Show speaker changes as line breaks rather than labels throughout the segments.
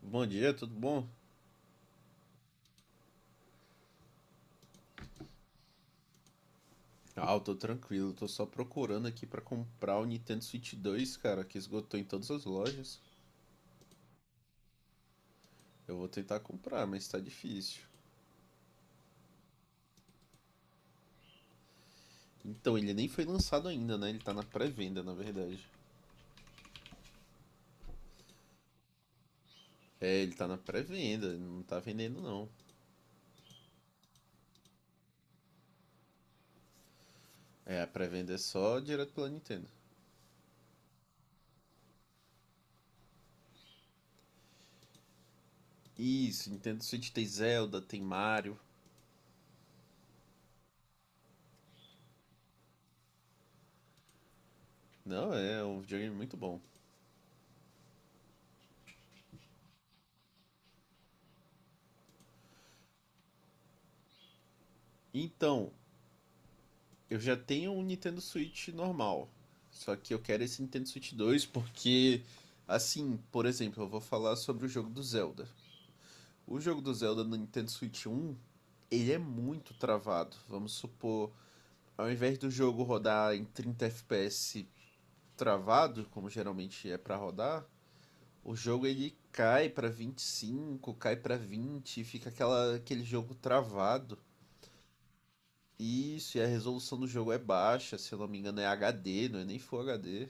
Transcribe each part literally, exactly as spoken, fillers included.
Bom dia, tudo bom? Ah, eu tô tranquilo, tô só procurando aqui pra comprar o Nintendo Switch dois, cara, que esgotou em todas as lojas. Eu vou tentar comprar, mas tá difícil. Então, ele nem foi lançado ainda, né? Ele tá na pré-venda, na verdade. É, ele tá na pré-venda, ele não tá vendendo não. É, a pré-venda é só direto pela Nintendo. Isso, Nintendo Switch tem Zelda, tem Mario. Não, é um videogame muito bom. Então, eu já tenho um Nintendo Switch normal. Só que eu quero esse Nintendo Switch dois porque, assim, por exemplo, eu vou falar sobre o jogo do Zelda. O jogo do Zelda no Nintendo Switch um, ele é muito travado. Vamos supor, ao invés do jogo rodar em trinta F P S travado, como geralmente é para rodar, o jogo ele cai para vinte e cinco, cai para vinte, fica aquela, aquele jogo travado. Isso, e a resolução do jogo é baixa, se eu não me engano é H D, não é nem Full H D.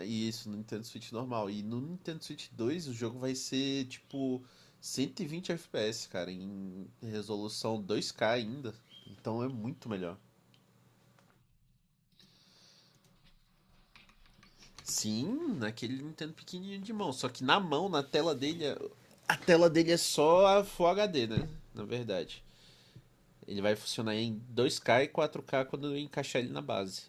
E isso no Nintendo Switch normal. E no Nintendo Switch dois o jogo vai ser tipo cento e vinte F P S, cara, em resolução dois K ainda. Então é muito melhor. Sim, naquele Nintendo pequenininho de mão, só que na mão, na tela dele, a tela dele é só a Full H D, né? Na verdade. Ele vai funcionar em dois K e quatro K quando eu encaixar ele na base.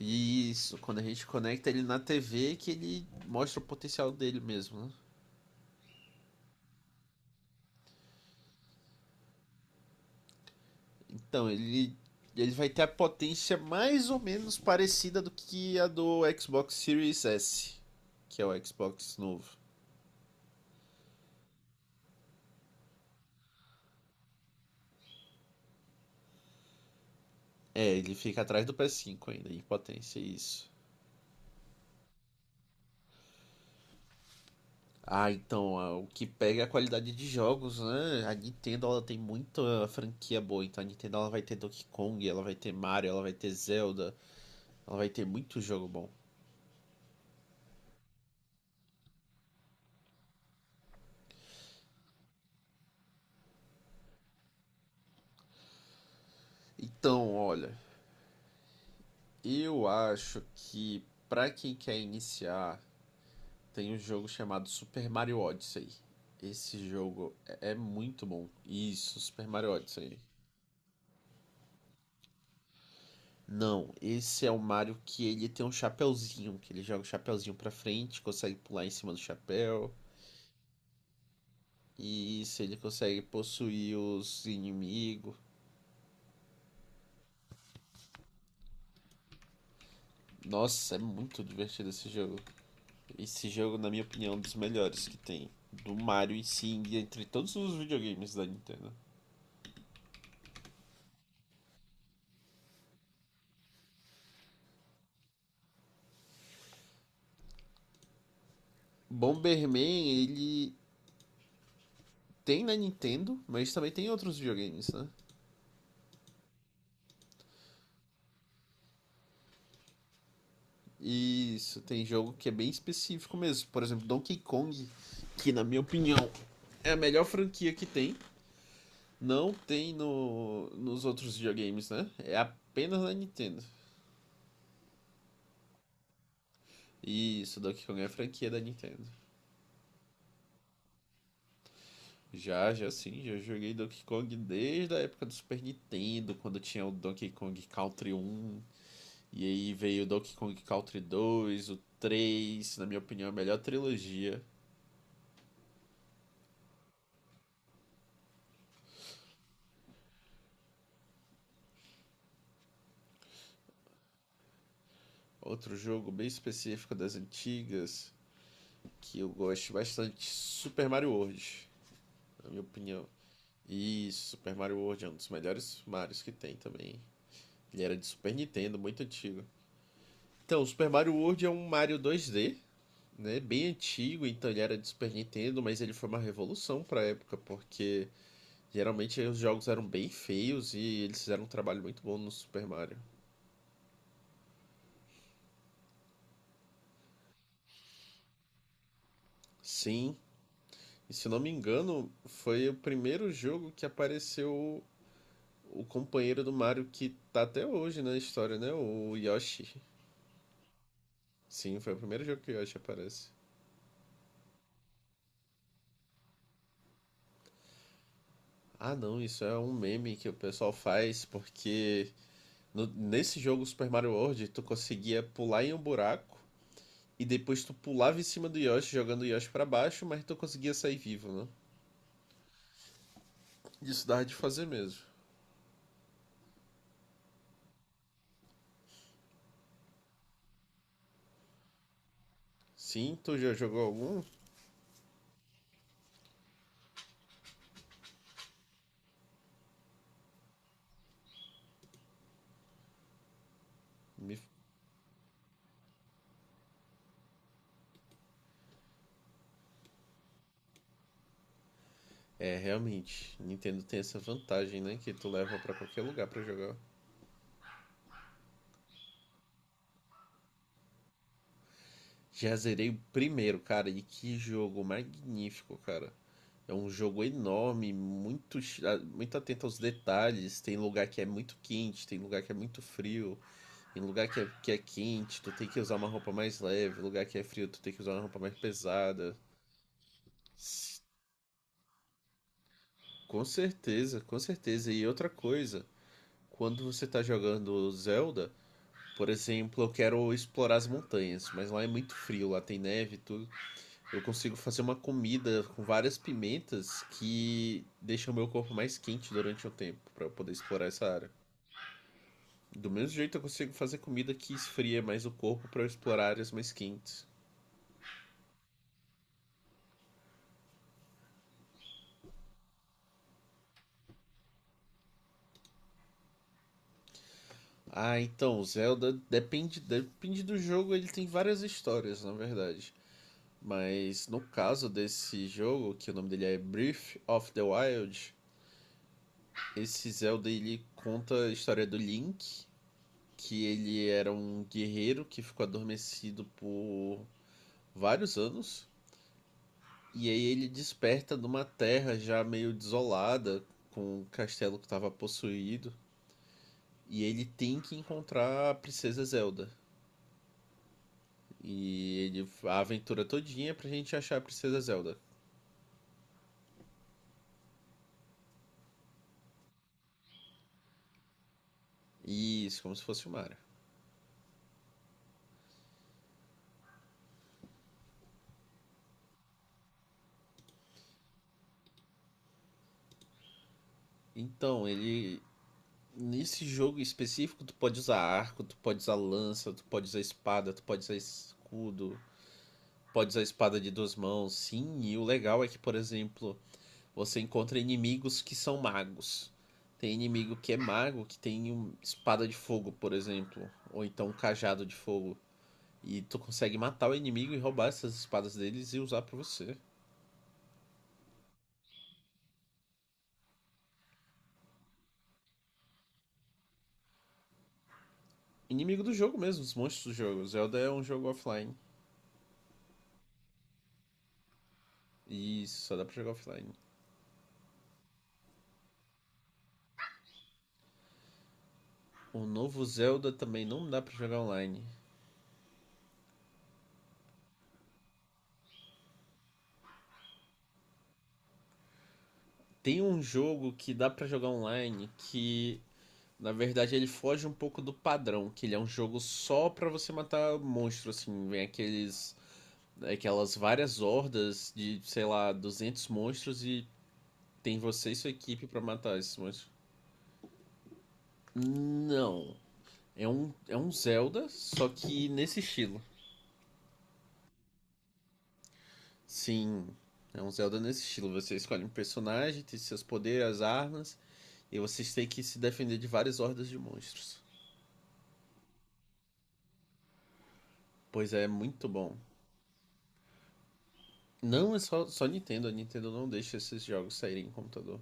Isso, quando a gente conecta ele na T V, que ele mostra o potencial dele mesmo, né? Então, ele, ele vai ter a potência mais ou menos parecida do que a do Xbox Series S, que é o Xbox novo. É, ele fica atrás do P S cinco ainda, em potência, isso. Ah, então, ah, o que pega é a qualidade de jogos, né? A Nintendo, ela tem muita franquia boa. Então, a Nintendo, ela vai ter Donkey Kong, ela vai ter Mario, ela vai ter Zelda. Ela vai ter muito jogo bom. Então, olha, eu acho que pra quem quer iniciar, tem um jogo chamado Super Mario Odyssey. Esse jogo é é muito bom. Isso, Super Mario Odyssey. Não, esse é o Mario que ele tem um chapéuzinho, que ele joga o chapéuzinho pra frente, consegue pular em cima do chapéu. E isso, ele consegue possuir os inimigos. Nossa, é muito divertido esse jogo. Esse jogo, na minha opinião, é um dos melhores que tem. Do Mario e sim, entre todos os videogames da Nintendo. Bomberman, ele tem na Nintendo, mas também tem em outros videogames, né? Isso, tem jogo que é bem específico mesmo. Por exemplo, Donkey Kong, que na minha opinião é a melhor franquia que tem. Não tem no, nos outros videogames, né? É apenas na Nintendo. Isso, Donkey Kong é a franquia da Nintendo. Já, já sim, já joguei Donkey Kong desde a época do Super Nintendo, quando tinha o Donkey Kong Country um, e aí veio Donkey Kong Country dois, o três, na minha opinião, a melhor trilogia. Outro jogo bem específico das antigas, que eu gosto bastante, Super Mario World, na minha opinião. E Super Mario World é um dos melhores Marios que tem também. Ele era de Super Nintendo, muito antigo. Então, Super Mario World é um Mario dois D, né? Bem antigo, então ele era de Super Nintendo, mas ele foi uma revolução pra época, porque geralmente os jogos eram bem feios e eles fizeram um trabalho muito bom no Super Mario. Sim, e se eu não me engano, foi o primeiro jogo que apareceu o companheiro do Mario que tá até hoje na história, né? O Yoshi. Sim, foi o primeiro jogo que o Yoshi aparece. Ah, não, isso é um meme que o pessoal faz porque no- nesse jogo Super Mario World tu conseguia pular em um buraco e depois tu pulava em cima do Yoshi jogando o Yoshi pra baixo, mas tu conseguia sair vivo, né? Isso dava de fazer mesmo. Sim, tu já jogou algum? Me- É, realmente, Nintendo tem essa vantagem, né? Que tu leva pra qualquer lugar pra jogar. Já zerei o primeiro, cara, e que jogo magnífico, cara. É um jogo enorme, muito, chi- ah, muito atento aos detalhes. Tem lugar que é muito quente, tem lugar que é muito frio, tem lugar que é, que é quente, tu tem que usar uma roupa mais leve, lugar que é frio, tu tem que usar uma roupa mais pesada. Com certeza, com certeza. E outra coisa, quando você tá jogando Zelda, por exemplo, eu quero explorar as montanhas, mas lá é muito frio, lá tem neve e tudo. Eu consigo fazer uma comida com várias pimentas que deixam o meu corpo mais quente durante o tempo para eu poder explorar essa área. Do mesmo jeito eu consigo fazer comida que esfria mais o corpo para eu explorar áreas mais quentes. Ah, então, Zelda depende, depende do jogo, ele tem várias histórias, na verdade. Mas no caso desse jogo, que o nome dele é Breath of the Wild, esse Zelda ele conta a história do Link, que ele era um guerreiro que ficou adormecido por vários anos. E aí ele desperta numa terra já meio desolada, com o castelo que estava possuído. E ele tem que encontrar a Princesa Zelda. E ele, a aventura todinha é pra gente achar a Princesa Zelda. Isso, como se fosse o Mario. Então, ele nesse jogo específico, tu pode usar arco, tu pode usar lança, tu pode usar espada, tu pode usar escudo, pode usar espada de duas mãos, sim. E o legal é que, por exemplo, você encontra inimigos que são magos. Tem inimigo que é mago, que tem um espada de fogo, por exemplo, ou então um cajado de fogo. E tu consegue matar o inimigo e roubar essas espadas deles e usar pra você. Inimigo do jogo mesmo, os monstros do jogo. Zelda é um jogo offline. E só dá pra jogar offline. O novo Zelda também não dá pra jogar online. Tem um jogo que dá pra jogar online que, na verdade, ele foge um pouco do padrão, que ele é um jogo só pra você matar monstro, assim, vem aqueles aquelas várias hordas de, sei lá, duzentos monstros e tem você e sua equipe pra matar esses monstros. Não, é um é um Zelda, só que nesse estilo. Sim, é um Zelda nesse estilo. Você escolhe um personagem, tem seus poderes, as armas. E vocês têm que se defender de várias hordas de monstros. Pois é, muito bom. Não é só, só Nintendo, a Nintendo não deixa esses jogos saírem em computador.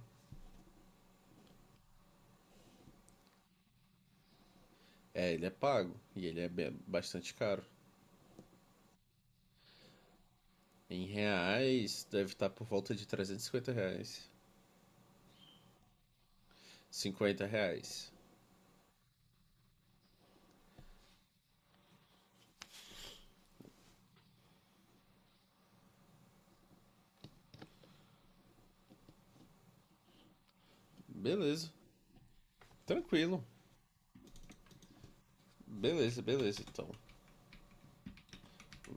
É, ele é pago e ele é bastante caro. Em reais, deve estar por volta de trezentos e cinquenta reais. Cinquenta reais. Beleza, tranquilo. Beleza, beleza, então.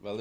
Valeu.